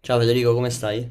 Ciao Federico, come stai?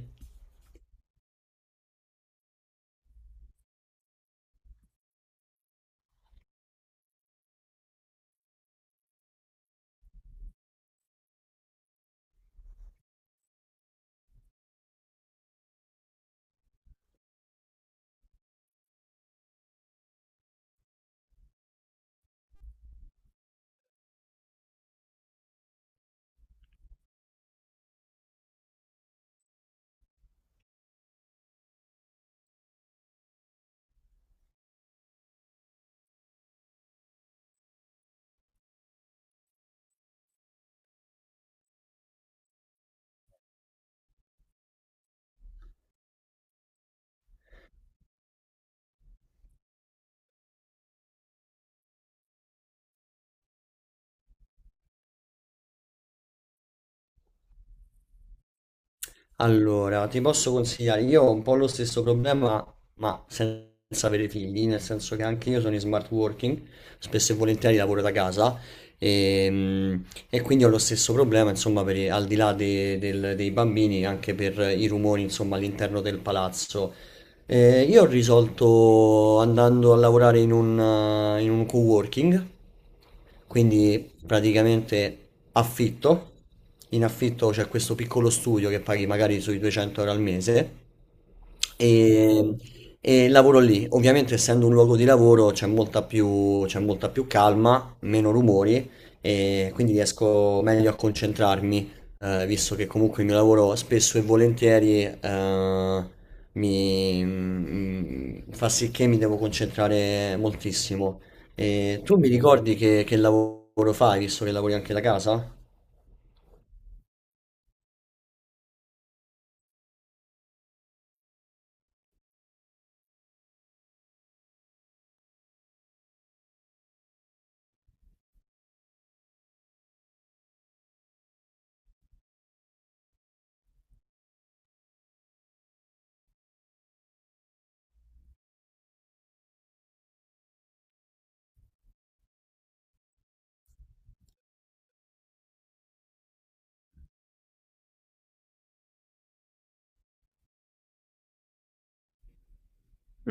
Allora, ti posso consigliare, io ho un po' lo stesso problema, ma senza avere figli, nel senso che anche io sono in smart working, spesso e volentieri lavoro da casa e, mm, e quindi ho lo stesso problema, insomma, per, i- al di là de- del- dei bambini, anche per i rumori, insomma, all'interno del palazzo. Io ho risolto andando a lavorare in un co-working. Quindi praticamente affitto, in affitto c'è questo piccolo studio che paghi magari sui 200 euro al mese e, e lavoro lì. Ovviamente, essendo un luogo di lavoro, c'è molta più calma, meno rumori, e quindi riesco meglio a concentrarmi, visto che comunque il mio lavoro spesso e volentieri, fa sì che mi devo concentrare moltissimo. E tu mi ricordi che lavoro fai, visto che lavori anche da casa?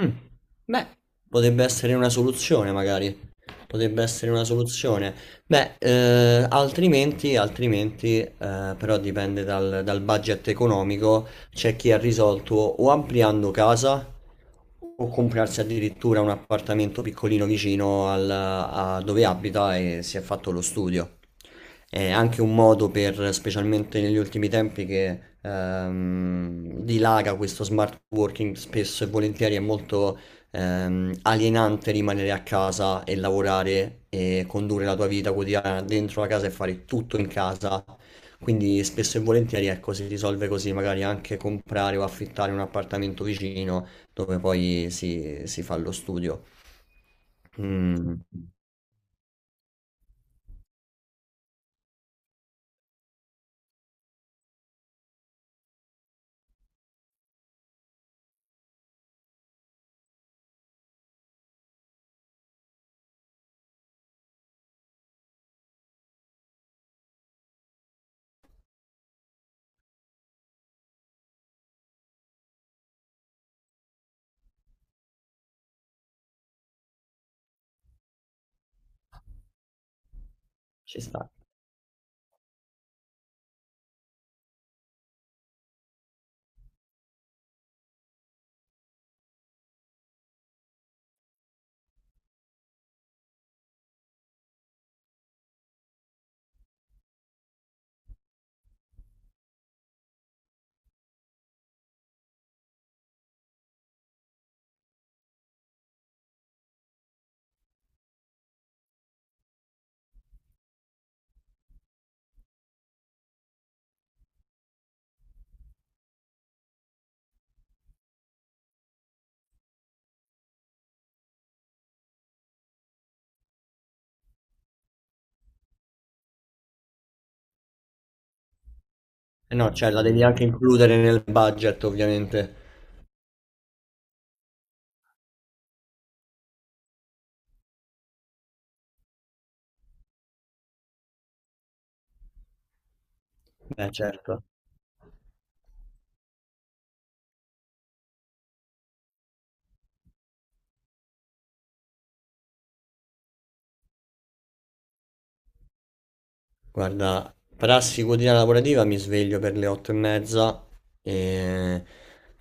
Mm. Beh, potrebbe essere una soluzione, magari. Potrebbe essere una soluzione. Beh, altrimenti però dipende dal, dal budget economico. C'è chi ha risolto o ampliando casa o comprarsi addirittura un appartamento piccolino a dove abita e si è fatto lo studio. È anche un modo per, specialmente negli ultimi tempi, che dilaga questo smart working, spesso e volentieri è molto alienante rimanere a casa e lavorare e condurre la tua vita quotidiana dentro la casa e fare tutto in casa. Quindi spesso e volentieri ecco, si risolve così, magari anche comprare o affittare un appartamento vicino dove poi si fa lo studio. Mm, ci sta. Eh no, cioè la devi anche includere nel budget ovviamente. Eh certo. Guarda, prassi quotidiana lavorativa mi sveglio per le otto e mezza e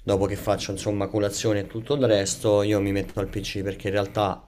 dopo che faccio insomma colazione e tutto il resto io mi metto al PC perché in realtà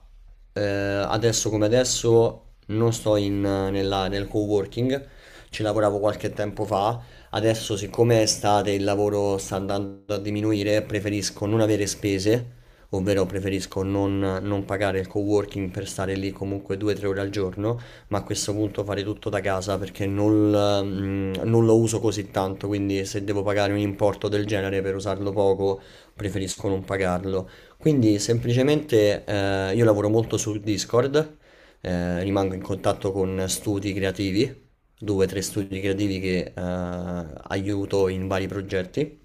adesso come adesso non sto in, nella- nel co-working, ci lavoravo qualche tempo fa, adesso siccome è estate e il lavoro sta andando a diminuire preferisco non avere spese, ovvero preferisco non, non pagare il co-working per stare lì comunque due o tre ore al giorno ma a questo punto fare tutto da casa perché non lo uso così tanto, quindi se devo pagare un importo del genere per usarlo poco, preferisco non pagarlo. Quindi semplicemente io lavoro molto su Discord, rimango in contatto con studi creativi, due o tre studi creativi che aiuto in vari progetti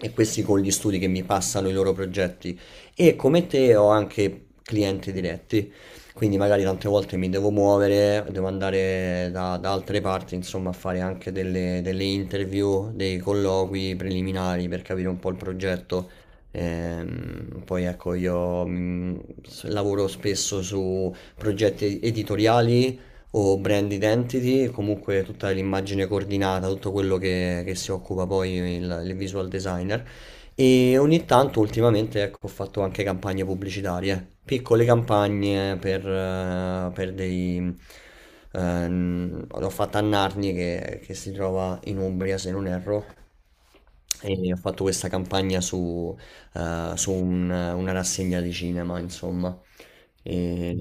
e questi con gli studi che mi passano i loro progetti. E come te ho anche clienti diretti, quindi magari tante volte mi devo muovere, devo andare da altre parti, insomma, a fare anche delle interview, dei colloqui preliminari per capire un po' il progetto. Poi ecco, io lavoro spesso su progetti editoriali o brand identity, comunque tutta l'immagine coordinata, tutto quello che si occupa poi il visual designer. E ogni tanto, ultimamente, ecco, ho fatto anche campagne pubblicitarie, piccole campagne per dei... l'ho fatta a Narni che si trova in Umbria, se non erro, e ho fatto questa campagna su una rassegna di cinema, insomma. E,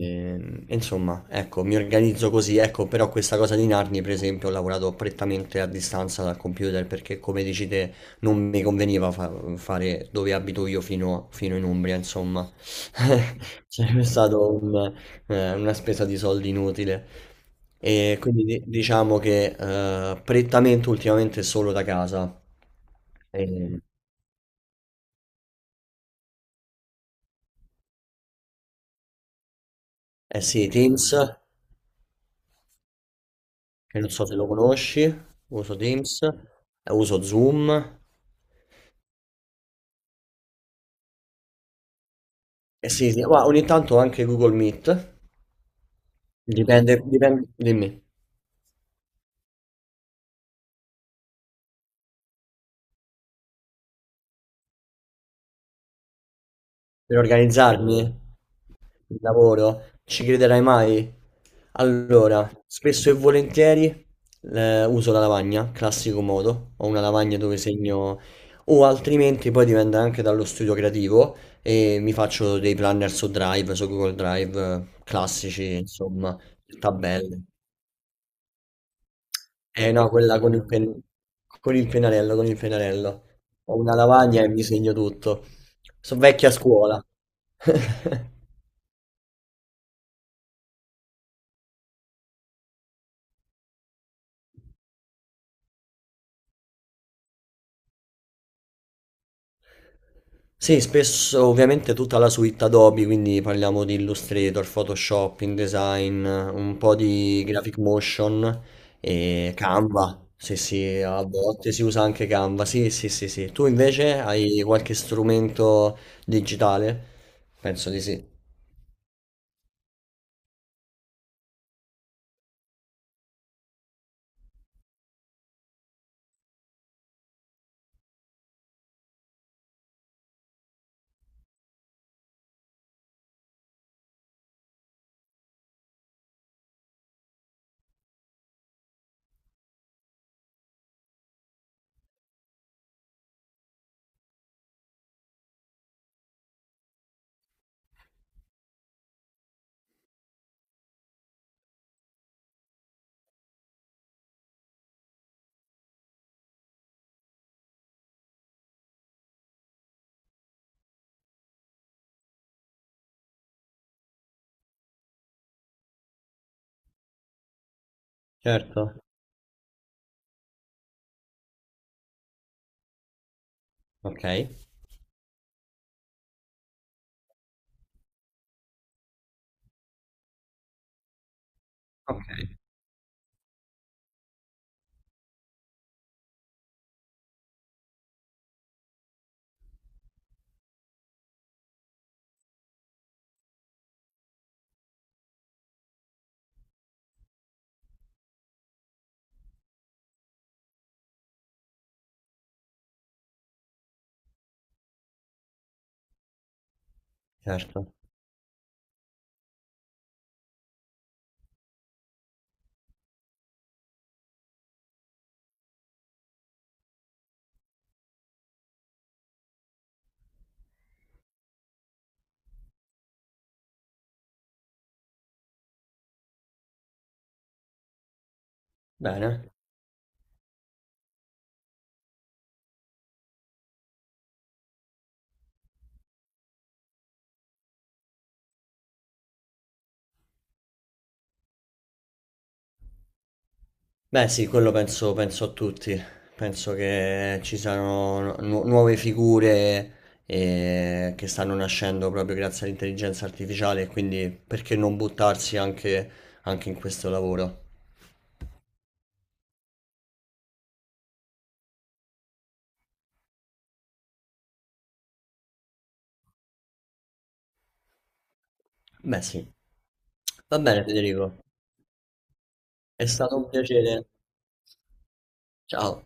e insomma, ecco, mi organizzo così, ecco, però questa cosa di Narni, per esempio, ho lavorato prettamente a distanza dal computer perché, come dici te, non mi conveniva fa- fare dove abito io fino in Umbria, insomma. Sarebbe stato una spesa di soldi inutile. E quindi diciamo che prettamente ultimamente solo da casa. Eh, sì, Teams, che non so se lo conosci, uso Teams, uso Zoom. Eh sì, sì, ma ogni tanto anche Google Meet. Dipende, dipende, dimmi. Per organizzarmi il lavoro? Ci crederai mai? Allora, spesso e volentieri uso la lavagna, classico modo. Ho una lavagna dove segno, o altrimenti poi dipende anche dallo studio creativo e mi faccio dei planner su Drive, su Google Drive, classici, insomma, tabelle. Eh no, quella con il pen- con il pennarello, con il pennarello. Ho una lavagna e mi segno tutto. Sono vecchia scuola. Sì, spesso ovviamente tutta la suite Adobe, quindi parliamo di Illustrator, Photoshop, InDesign, un po' di Graphic Motion e Canva. Sì, sì, a volte si usa anche Canva. Sì, sì, sì, sì. Tu invece hai qualche strumento digitale? Penso di sì. Certo. Ok. Ok. Certo. Bene. Beh, sì, quello penso, penso a tutti. Penso che ci siano nuove figure che stanno nascendo proprio grazie all'intelligenza artificiale, quindi perché non buttarsi anche in questo lavoro? Beh, sì. Va bene, Federico. È stato un piacere. Ciao.